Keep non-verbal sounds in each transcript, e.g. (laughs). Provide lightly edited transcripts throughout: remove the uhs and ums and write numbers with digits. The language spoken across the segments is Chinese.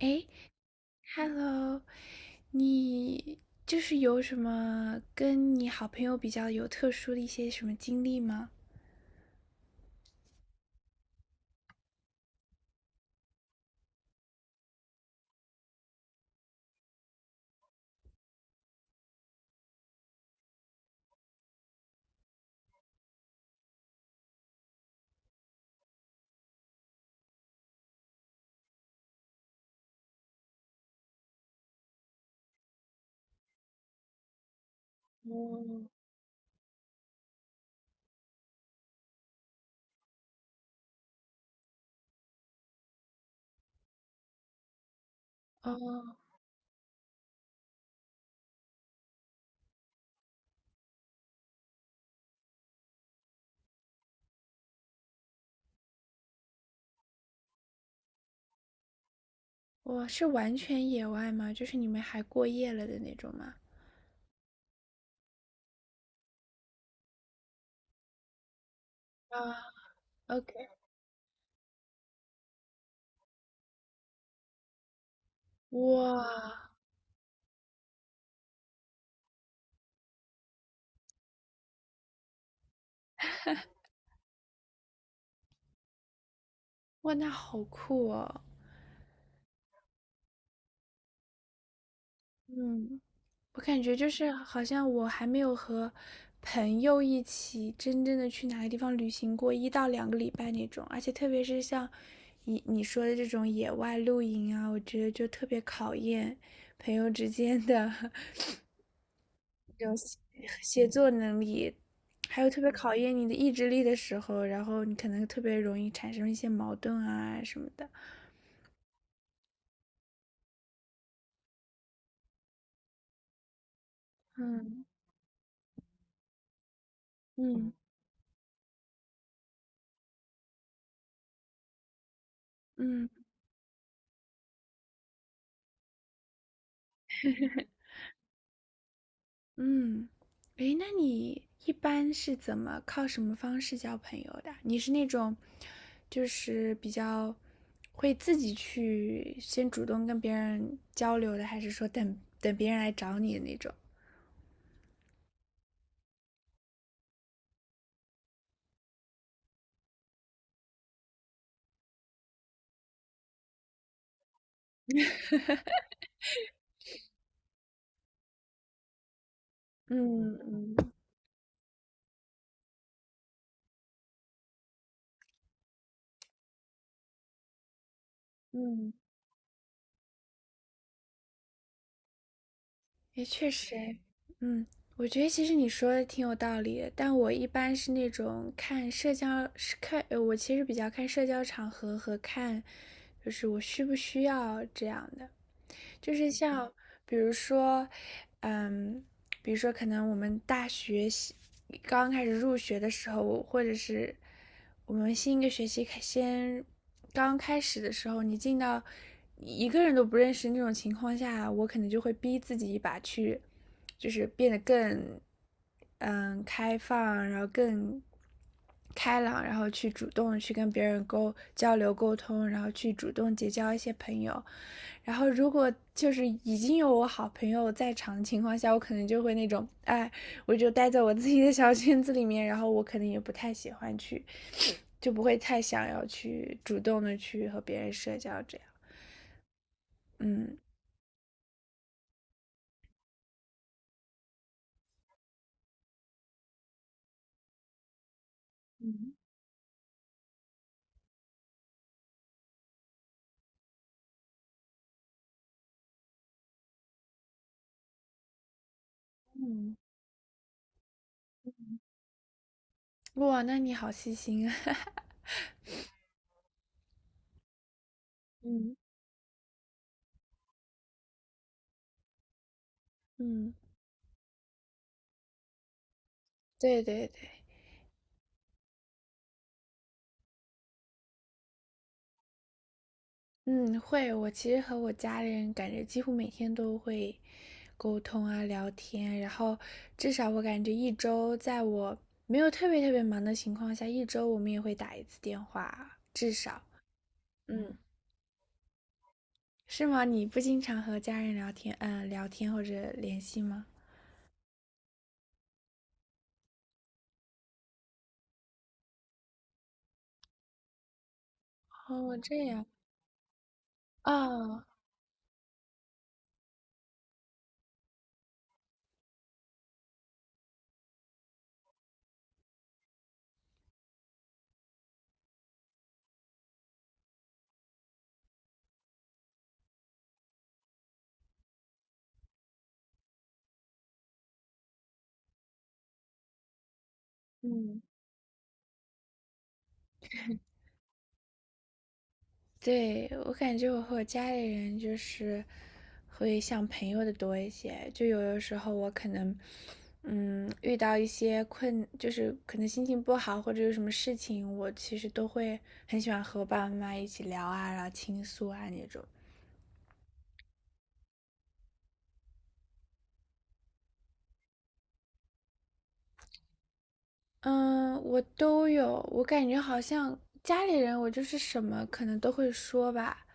哎，Hello，你就是有什么跟你好朋友比较有特殊的一些什么经历吗？我是完全野外吗？就是你们还过夜了的那种吗？啊，OK，哇，哇，那好酷哦！嗯，我感觉就是好像我还没有和朋友一起真正的去哪个地方旅行过一到两个礼拜那种，而且特别是像你说的这种野外露营啊，我觉得就特别考验朋友之间的 (laughs) 这种协作能力，还有特别考验你的意志力的时候，然后你可能特别容易产生一些矛盾啊什么的。嗯嗯嗯。嗯。嗯，诶，那你一般是怎么靠什么方式交朋友的？你是那种，就是比较会自己去先主动跟别人交流的，还是说等等别人来找你的那种？嗯嗯嗯。也确实诶，嗯，我觉得其实你说的挺有道理的，但我一般是那种看社交，是看，我其实比较看社交场合和看，就是我需不需要这样的，就是像比如说，嗯，比如说可能我们大学喜刚开始入学的时候，或者是我们新一个学期开先刚开始的时候，你进到一个人都不认识那种情况下，我可能就会逼自己一把去，就是变得更开放，然后更开朗，然后去主动去跟别人交流沟通，然后去主动结交一些朋友。然后如果就是已经有我好朋友在场的情况下，我可能就会那种，哎，我就待在我自己的小圈子里面，然后我可能也不太喜欢去，就不会太想要去主动的去和别人社交这样。嗯嗯嗯，哇，那你好细心啊。(laughs) 嗯嗯，对对对，嗯，会。我其实和我家里人感觉几乎每天都会沟通啊、聊天啊，然后至少我感觉一周，在我没有特别特别忙的情况下，一周我们也会打一次电话，至少。嗯，嗯是吗？你不经常和家人聊天，聊天或者联系吗？哦，这样。啊，嗯。对，我感觉我和我家里人就是会像朋友的多一些，就有的时候我可能，嗯，遇到一些困，就是可能心情不好或者有什么事情，我其实都会很喜欢和我爸爸妈妈一起聊啊，然后倾诉啊那种。嗯，我都有，我感觉好像家里人，我就是什么可能都会说吧，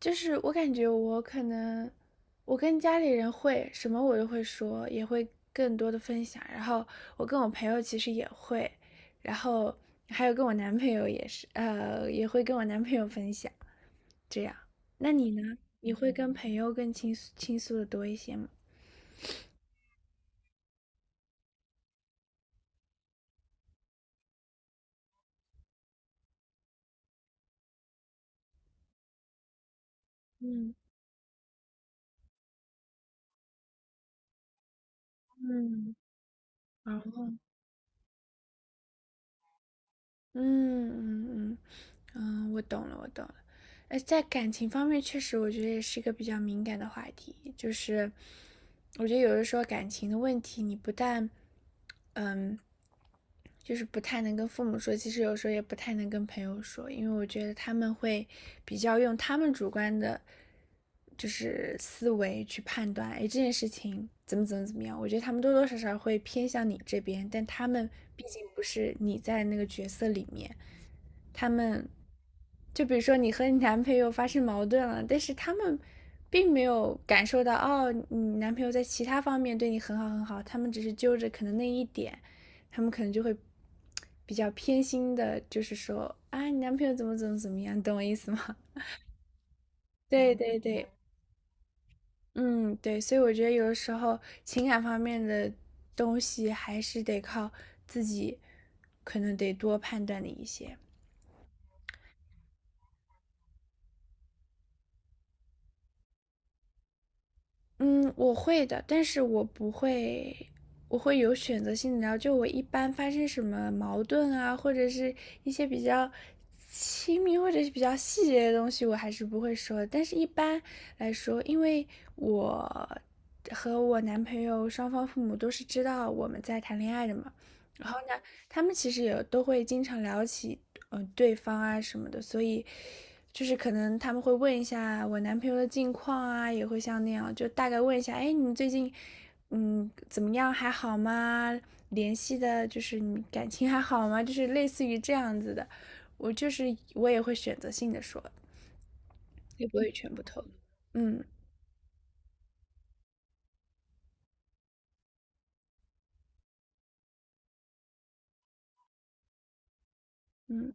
就是我感觉我可能，我跟家里人会什么我都会说，也会更多的分享。然后我跟我朋友其实也会，然后还有跟我男朋友也是，也会跟我男朋友分享。这样，那你呢？你会跟朋友更倾诉的多一些吗？嗯嗯然后嗯嗯嗯嗯，我懂了，我懂了。呃，在感情方面，确实我觉得也是一个比较敏感的话题。就是我觉得有的时候感情的问题，你不但，嗯，就是不太能跟父母说，其实有时候也不太能跟朋友说，因为我觉得他们会比较用他们主观的，就是思维去判断，哎，这件事情怎么怎么怎么样。我觉得他们多多少少会偏向你这边，但他们毕竟不是你在那个角色里面，他们就比如说你和你男朋友发生矛盾了，但是他们并没有感受到哦，你男朋友在其他方面对你很好很好，他们只是揪着可能那一点，他们可能就会比较偏心的，就是说啊，你男朋友怎么怎么怎么样，懂我意思吗？(laughs) 对对对，嗯，对，所以我觉得有的时候情感方面的东西还是得靠自己，可能得多判断的一些。嗯，我会的，但是我不会，我会有选择性的聊。就我一般发生什么矛盾啊，或者是一些比较亲密或者是比较细节的东西，我还是不会说的。但是一般来说，因为我和我男朋友双方父母都是知道我们在谈恋爱的嘛，然后呢，他们其实也都会经常聊起对方啊什么的，所以就是可能他们会问一下我男朋友的近况啊，也会像那样，就大概问一下，哎，你们最近怎么样，还好吗？联系的就是你感情还好吗？就是类似于这样子的，我就是我也会选择性的说，也不会全部透露。嗯嗯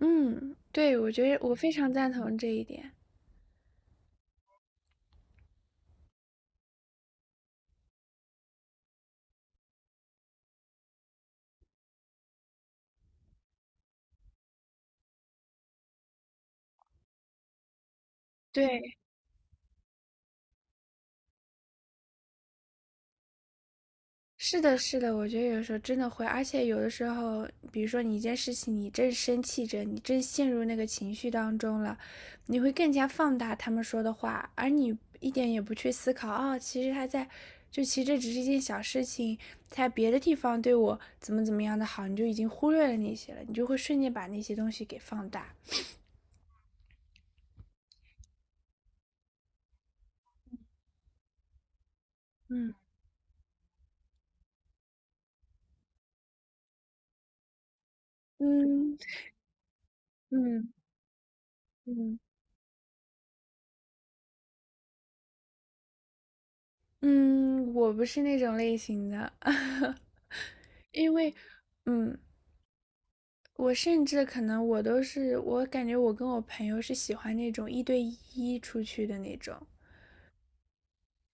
嗯，对，我觉得我非常赞同这一点。对，是的，是的，我觉得有时候真的会，而且有的时候，比如说你一件事情，你正生气着，你正陷入那个情绪当中了，你会更加放大他们说的话，而你一点也不去思考，哦，其实他在，就其实这只是一件小事情，在别的地方对我怎么怎么样的好，你就已经忽略了那些了，你就会瞬间把那些东西给放大。嗯嗯嗯嗯嗯，我不是那种类型的，(laughs) 因为，嗯。我甚至可能我都是，我感觉我跟我朋友是喜欢那种一对一出去的那种。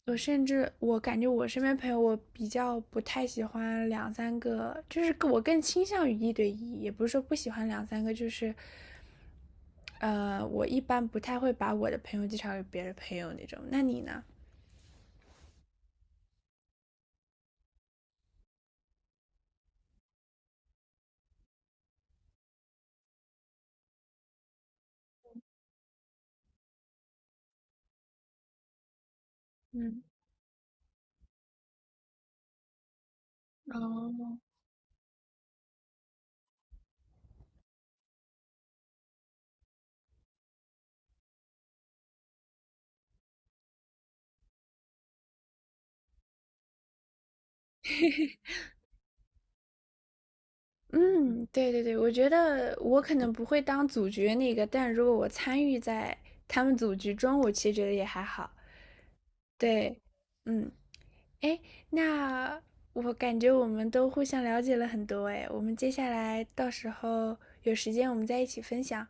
我甚至我感觉我身边朋友，我比较不太喜欢两三个，就是我更倾向于一对一，也不是说不喜欢两三个，就是，呃，我一般不太会把我的朋友介绍给别的朋友那种。那你呢？嗯。哦，嗯，对对对，我觉得我可能不会当组局那个，但如果我参与在他们组局中，我其实觉得也还好。对，嗯，哎，那我感觉我们都互相了解了很多，哎，我们接下来到时候有时间我们再一起分享。